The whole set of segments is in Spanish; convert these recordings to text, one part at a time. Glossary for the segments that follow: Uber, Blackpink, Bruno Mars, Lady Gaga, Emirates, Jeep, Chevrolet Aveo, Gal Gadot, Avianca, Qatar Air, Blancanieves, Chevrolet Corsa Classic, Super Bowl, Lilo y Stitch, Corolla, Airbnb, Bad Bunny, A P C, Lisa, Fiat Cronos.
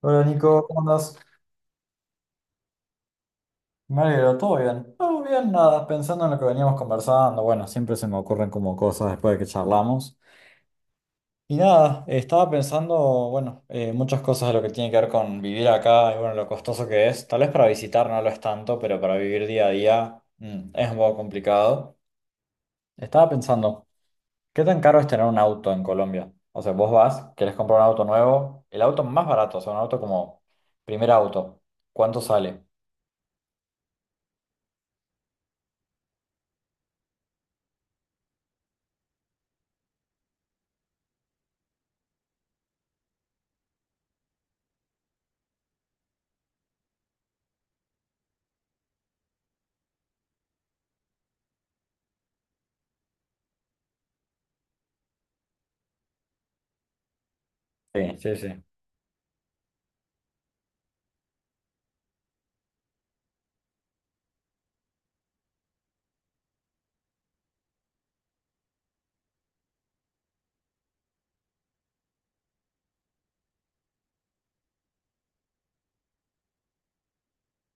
Hola Nico, ¿cómo andas? Me alegro, ¿todo bien? Todo bien, nada, pensando en lo que veníamos conversando, bueno, siempre se me ocurren como cosas después de que charlamos. Y nada, estaba pensando, bueno, muchas cosas de lo que tiene que ver con vivir acá y bueno, lo costoso que es. Tal vez para visitar no lo es tanto, pero para vivir día a día es un poco complicado. Estaba pensando, ¿qué tan caro es tener un auto en Colombia? O sea, vos vas, querés comprar un auto nuevo, el auto más barato, o sea, un auto como primer auto, ¿cuánto sale? Sí, sí, sí.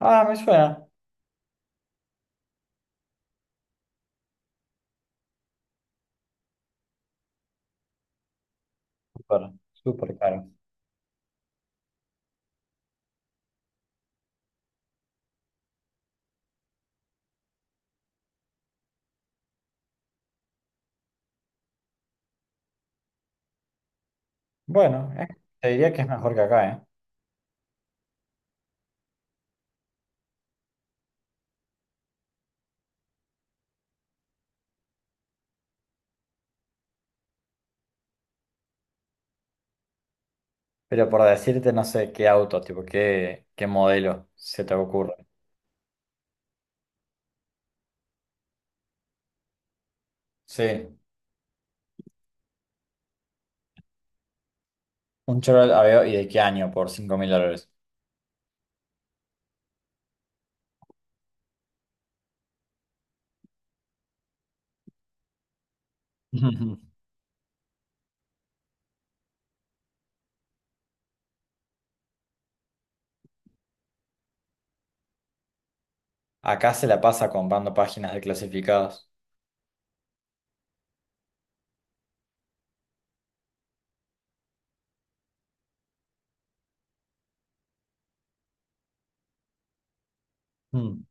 Ah, me suena. Súper, súper caro. Bueno, te diría que es mejor que acá, ¿eh? Pero por decirte, no sé qué auto, tipo, qué modelo se te ocurre. Sí, un Chevrolet Aveo y de qué año por $5,000. Acá se la pasa comprando páginas de clasificados. Mm.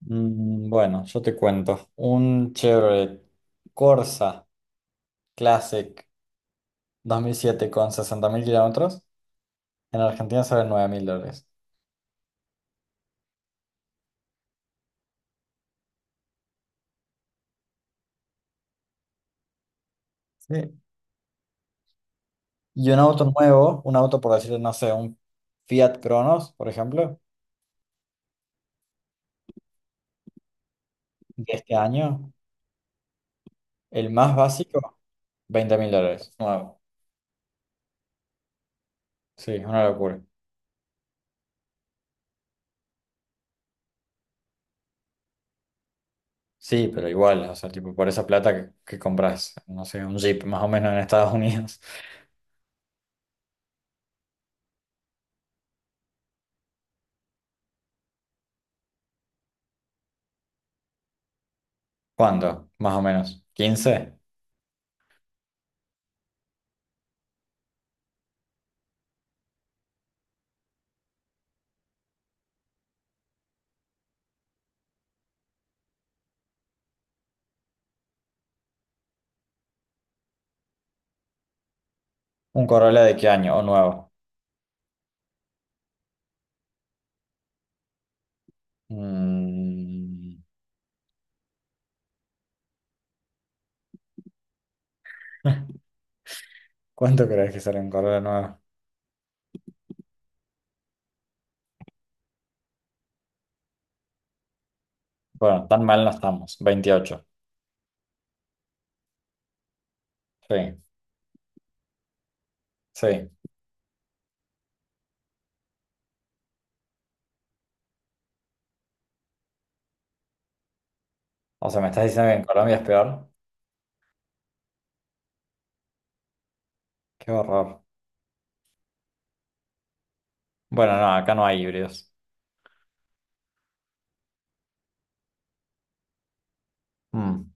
Bueno, yo te cuento. Un Chevrolet Corsa Classic 2007 con 60,000 kilómetros, en Argentina sale $9,000. Sí. Y un auto nuevo, un auto por decirlo, no sé, un Fiat Cronos, por ejemplo, de este año, el más básico, $20,000, nuevo. Sí, es una locura. Sí, pero igual, o sea, tipo, por esa plata que compras, no sé, un Jeep más o menos en Estados Unidos. ¿Cuánto? Más o menos. Quince. ¿Un Corolla de qué año? ¿O nuevo? Mm, ¿Cuánto crees que sale un Corolla nuevo? Bueno, tan mal no estamos, 28. Sí, sí. O sea, ¿me estás diciendo que en Colombia es peor? Qué horror. Bueno, no, acá no hay híbridos. Mm,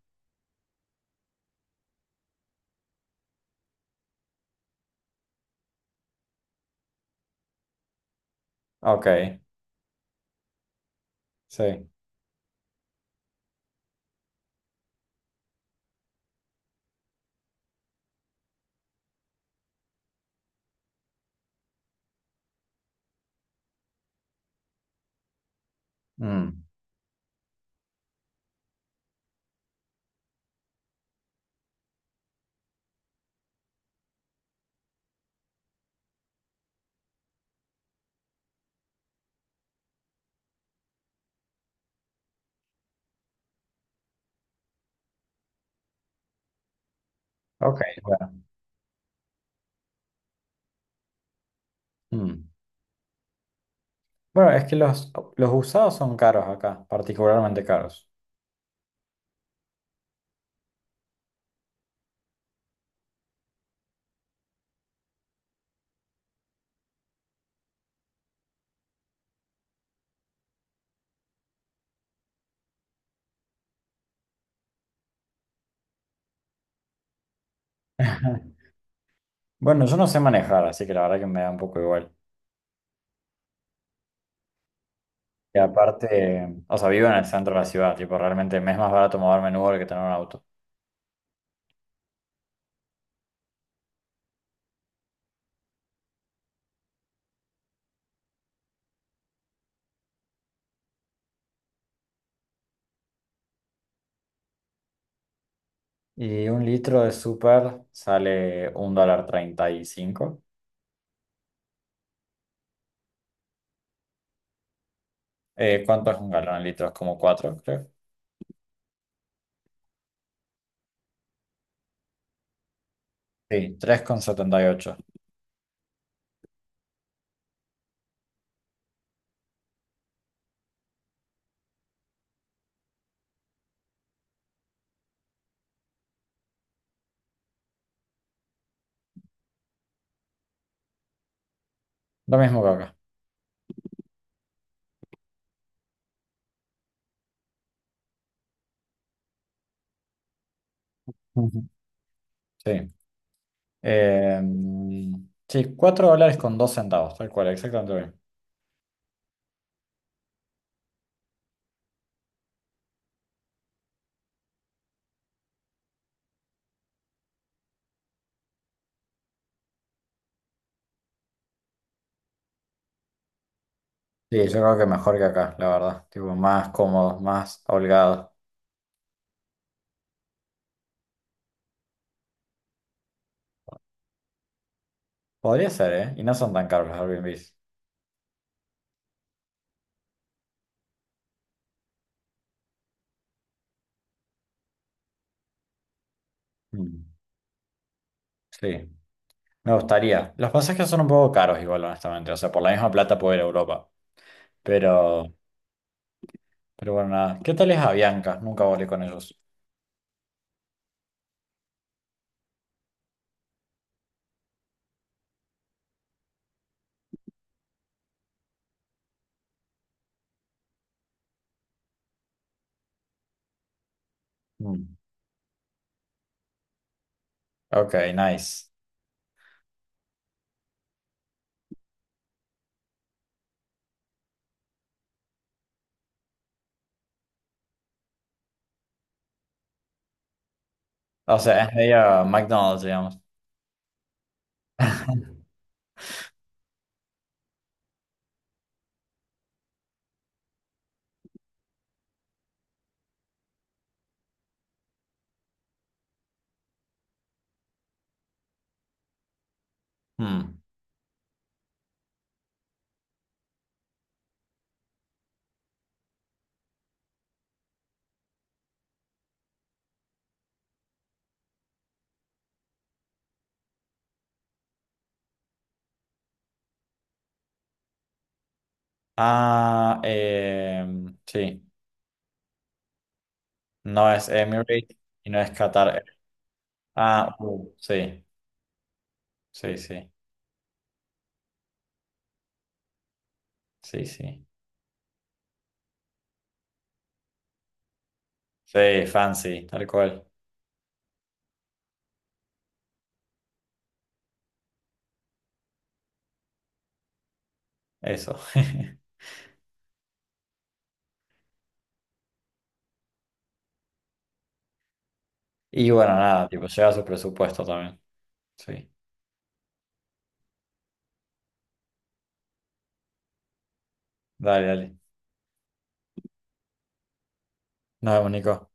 ok, sí. Mm, ok, bueno. Mm. Bueno, es que los usados son caros acá, particularmente caros. Bueno, yo no sé manejar, así que la verdad que me da un poco igual. Y aparte, o sea, vivo en el centro de la ciudad, tipo, realmente me es más barato moverme en Uber que tener un auto. Y un litro de súper sale $1.35. ¿Cuánto es un galón de litros? Como cuatro, creo. Sí, 3.78. Lo mismo que acá. Ujú. Sí. Eh, sí, $4.02, tal cual, exactamente lo mismo. Sí, yo creo que mejor que acá, la verdad. Tipo, más cómodos, más holgados. Podría ser, ¿eh? Y no son tan caros los Airbnbs. Mm, sí, me gustaría. Los pasajes son un poco caros igual, honestamente. O sea, por la misma plata puedo ir a Europa. Pero, pero bueno, nada. ¿Qué tal es Avianca? Nunca volé con ellos. Mm, ok, nice. O sea, es medio McDonald's, digamos. Mm. Ah, sí. No es Emirates y no es Qatar. Air. Ah, sí, sí, sí, sí, sí. Sí, fancy, tal cual. Eso. Y bueno, nada, tipo, lleva su presupuesto también. Sí. Dale, dale. Nos vemos, Nico.